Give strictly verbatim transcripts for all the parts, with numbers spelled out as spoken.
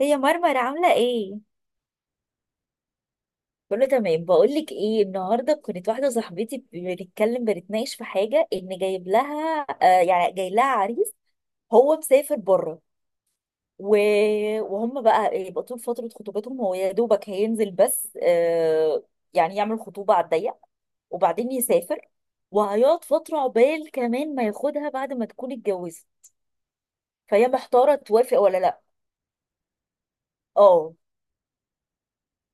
هي مرمر عاملة ايه؟ كله تمام، بقولك ايه؟ النهارده كانت واحدة صاحبتي بنتكلم، بنتناقش في حاجة ان جايب لها آه يعني جاي لها عريس. هو مسافر بره و... وهم بقى يبقى طول فترة خطوبتهم هو يا دوبك هينزل بس، آه يعني يعمل خطوبة على الضيق وبعدين يسافر، وهيقعد فترة عقبال كمان ما ياخدها بعد ما تكون اتجوزت. فهي محتارة توافق ولا لا. اه.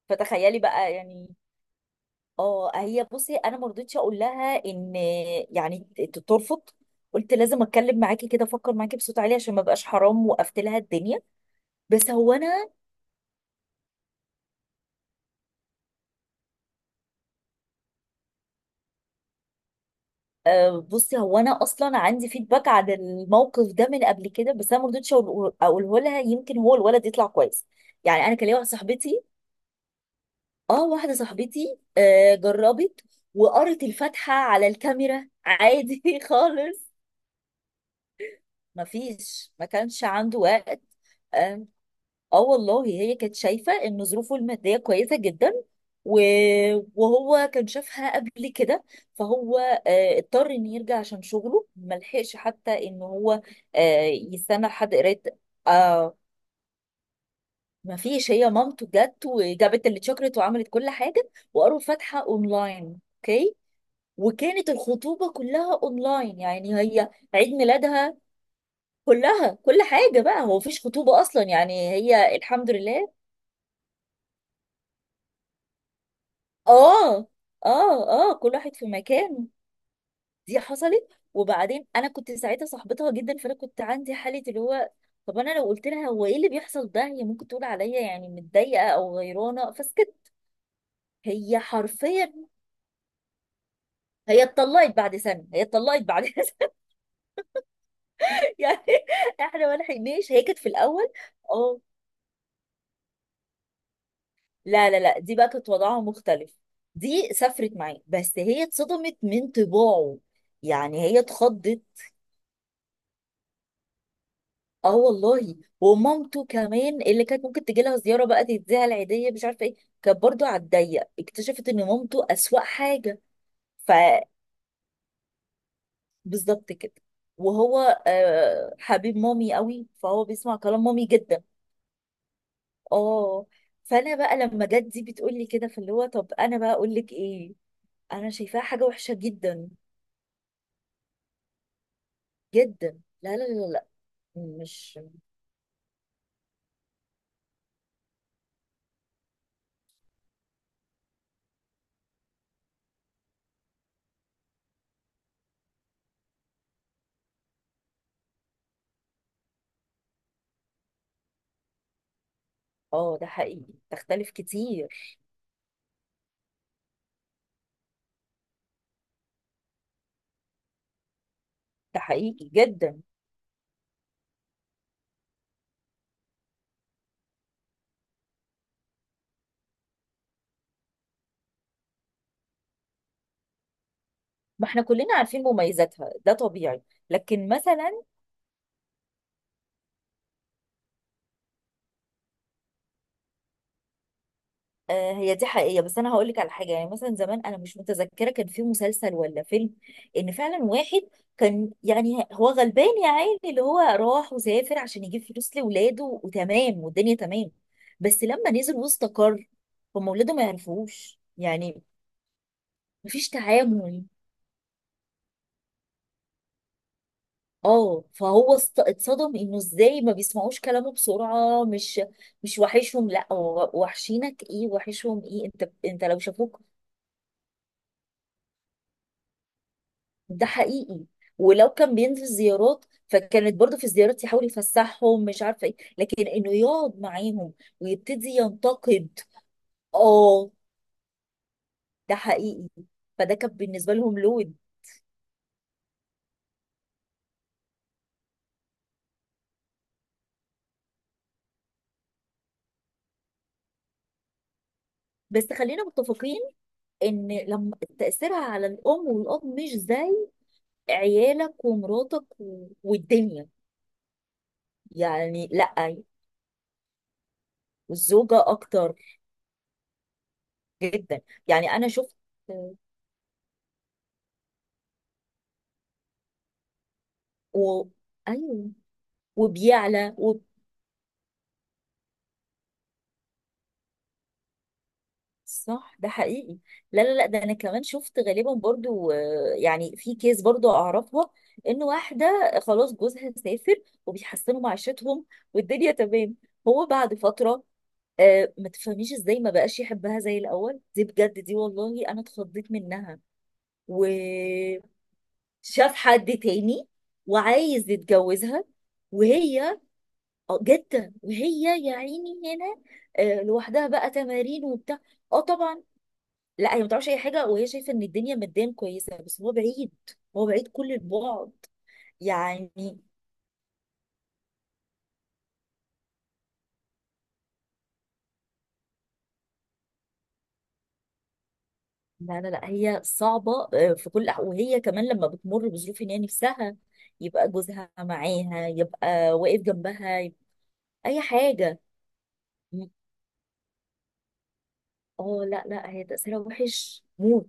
فتخيلي بقى يعني. اه، هي بصي انا ما رضيتش اقول لها ان يعني ت- ترفض. قلت لازم اتكلم معاكي كده، افكر معاكي بصوت عالي عشان ما بقاش حرام وقفت لها الدنيا. بس هو انا آه، بصي هو انا اصلا عندي فيدباك عن الموقف ده من قبل كده، بس انا ما رضيتش أقول- اقوله لها يمكن هو الولد يطلع كويس. يعني انا كان ليا واحده صاحبتي. اه واحده صاحبتي آه، جربت، وقرت الفاتحه على الكاميرا عادي خالص. مفيش، ما كانش عنده وقت. آه، اه والله، هي كانت شايفة ان ظروفه المادية كويسة جدا و... وهو كان شافها قبل كده، فهو آه، اضطر ان يرجع عشان شغله، ملحقش حتى ان هو آه، يستنى لحد قراية. آه، ما فيش. هي مامته جت وجابت اللي اتشكرت وعملت كل حاجة، وقروا فاتحة اونلاين. اوكي، وكانت الخطوبة كلها اونلاين يعني، هي عيد ميلادها كلها، كل حاجة بقى. هو مفيش خطوبة اصلا يعني. هي الحمد لله. اه، اه، اه. كل واحد في مكانه. دي حصلت. وبعدين انا كنت ساعتها صاحبتها جدا، فانا كنت عندي حاله اللي هو طب انا لو قلت لها هو ايه اللي بيحصل ده، هي ممكن تقول عليا يعني متضايقه او غيرانه، فسكت. هي حرفيا هي اتطلقت بعد سنه، هي اتطلقت بعد سنه. يعني احنا ما لحقناش. هي كانت في الاول. اه، لا لا لا، دي بقى كانت وضعها مختلف. دي سافرت معاه، بس هي اتصدمت من طباعه، يعني هي اتخضت. اه والله. ومامته كمان اللي كانت ممكن تجي لها زياره بقى تديها العيديه مش عارفه ايه، كانت برضو على الضيق. اكتشفت ان مامته اسوأ حاجه. فبالظبط كده. وهو آه، حبيب مامي قوي، فهو بيسمع كلام مامي جدا. اه. فانا بقى لما جت دي بتقول لي كده، فاللي هو طب انا بقى اقول لك ايه؟ انا شايفاها حاجه وحشه جدا. جدا، لا لا لا لا. مش اه ده حقيقي، تختلف كتير. ده حقيقي جدا. ما احنا كلنا عارفين مميزاتها، ده طبيعي. لكن مثلا آه، هي دي حقيقية، بس انا هقول لك على حاجة. يعني مثلا زمان، انا مش متذكرة كان في مسلسل ولا فيلم، ان فعلا واحد كان يعني هو غلبان يا عيني، اللي هو راح وسافر عشان يجيب فلوس لاولاده، وتمام والدنيا تمام. بس لما نزل واستقر، هم اولاده ما يعرفوش يعني، مفيش تعامل. اه فهو است- اتصدم انه ازاي ما بيسمعوش كلامه بسرعه، مش مش وحشهم. لا، هو وحشينك ايه وحشهم ايه؟ انت انت لو شافوك. ده حقيقي. ولو كان بينزل زيارات، فكانت برضه في الزيارات يحاول يفسحهم مش عارفه ايه، لكن انه يقعد معاهم ويبتدي ينتقد. اه ده حقيقي. فده كان بالنسبه لهم لود. بس خلينا متفقين ان لما تاثيرها على الام والاب مش زي عيالك ومراتك و- والدنيا، يعني لا. والزوجة أكتر، جدا. يعني أنا شفت. و... أيوه. وبيعلى وب... صح، ده حقيقي. لا لا لا، ده أنا كمان شفت غالبا. برضو آه، يعني في كيس برضو أعرفها، إن واحدة خلاص جوزها سافر وبيحسنوا معيشتهم والدنيا تمام. هو بعد فترة آه، ما تفهميش ازاي ما بقاش يحبها زي الأول. دي بجد، دي والله أنا اتخضيت منها. و... شاف حد تاني وعايز يتجوزها. وهي آه، جدة، وهي يا عيني هنا آه، لوحدها بقى، تمارين وبتاع. اه طبعا. لا هي ما تعرفش اي حاجه، وهي شايفه ان الدنيا ماديا كويسه، بس هو بعيد، هو بعيد كل البعد. يعني لا لا لا، هي صعبه آه، في كل الأح- وهي كمان لما بتمر بظروف ان هي نفسها يبقى جوزها معاها، يبقى واقف جنبها، يبقى اي حاجه. م- اه لا لا، هي تاثيرها وحش موت.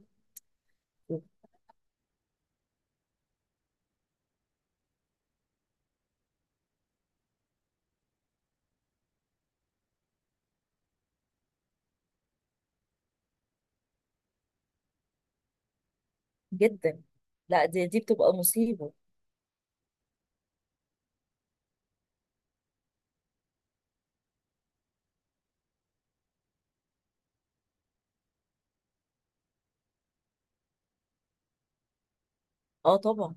جدا، لا دي، دي بتبقى مصيبة. اه طبعا.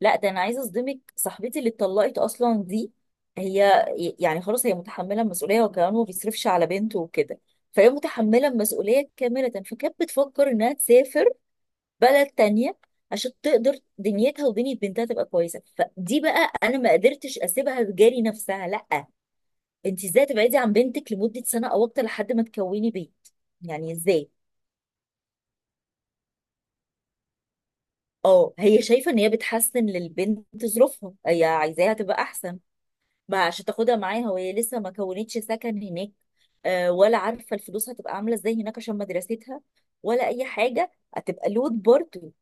لا ده انا عايزه اصدمك، صاحبتي اللي اتطلقت اصلا دي هي يعني خلاص هي متحمله المسؤوليه، وكمان ما بيصرفش على بنته وكده، فهي متحمله المسؤوليه كامله. فكانت بتفكر انها تسافر بلد تانية عشان تقدر دنيتها ودنيا بنتها تبقى كويسه. فدي بقى انا ما قدرتش اسيبها تجاري نفسها. لا، انت ازاي تبعدي عن بنتك لمده سنه او اكتر لحد ما تكوني بيت؟ يعني ازاي؟ اه هي شايفة ان هي بتحسن للبنت ظروفها، هي عايزاها تبقى احسن. ما عشان تاخدها معاها، وهي لسه ما كونتش سكن هناك آه، ولا عارفة الفلوس هتبقى عاملة ازاي هناك عشان مدرستها، ولا اي حاجة. هتبقى لود برضه.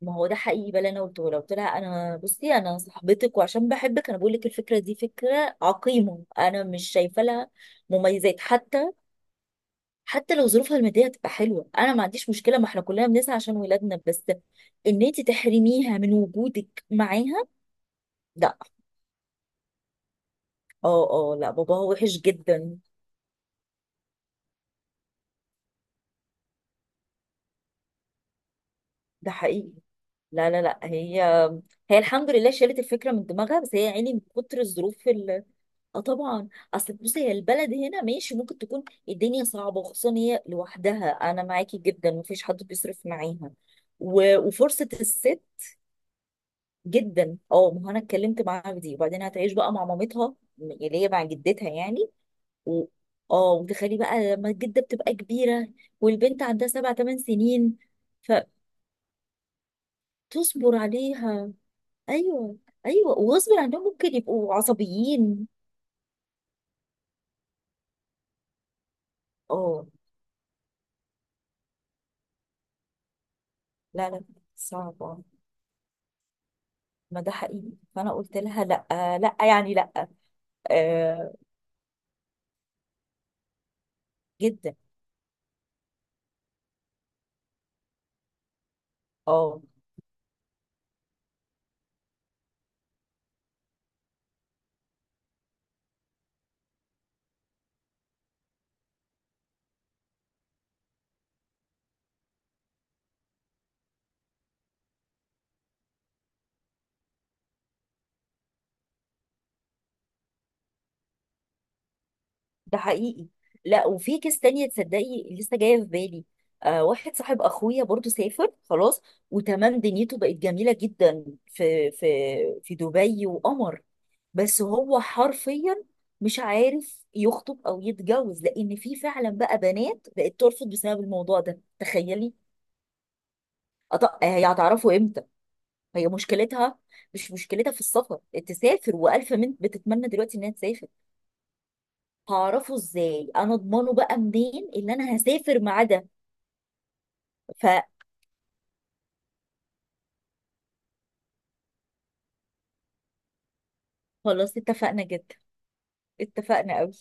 ما هو ده حقيقي بقى اللي انا قلته، لو قلت لها انا بصي انا صاحبتك، وعشان بحبك انا بقول لك الفكرة دي فكرة عقيمة، انا مش شايفة لها مميزات حتى. حتى لو ظروفها الماديه تبقى حلوه انا ما عنديش مشكله، ما احنا كلنا بنسعى عشان ولادنا، بس ان انت تحرميها من وجودك معاها لا. اه اه، لا باباها وحش جدا. ده حقيقي. لا لا لا، هي هي الحمد لله شالت الفكره من دماغها، بس هي يا عيني من كتر الظروف ال... اه طبعا. اصل بصي هي البلد هنا ماشي، ممكن تكون الدنيا صعبه، وخصوصا هي لوحدها انا معاكي جدا، مفيش حد بيصرف معاها و... وفرصه الست. جدا اه، ما هو انا اتكلمت معاها في دي. وبعدين هتعيش بقى مع مامتها اللي هي مع جدتها يعني. و... اه، وتخلي بقى لما الجده بتبقى كبيره والبنت عندها سبع ثمان سنين فتصبر عليها. ايوه، ايوه وغصب عنهم ممكن يبقوا عصبيين. اه لا لا، صعب اه. ما ده حقيقي فانا قلت لها لا، لا يعني لا. آه جدا. اه ده حقيقي. لا وفي كيس تانية تصدقي لسه جاية في بالي. آه واحد صاحب أخويا برضو سافر خلاص، وتمام دنيته بقت جميلة جدا في في في دبي، وقمر. بس هو حرفيا مش عارف يخطب أو يتجوز، لأن في فعلا بقى بنات بقت ترفض بسبب الموضوع ده، تخيلي. أط- هي هتعرفه إمتى؟ هي مشكلتها مش مشكلتها في السفر، تسافر وألف بنت بتتمنى دلوقتي إنها تسافر. هعرفه ازاي، انا اضمنه بقى منين اللي انا هسافر معاه ده؟ فخلاص اتفقنا جدا، اتفقنا قوي.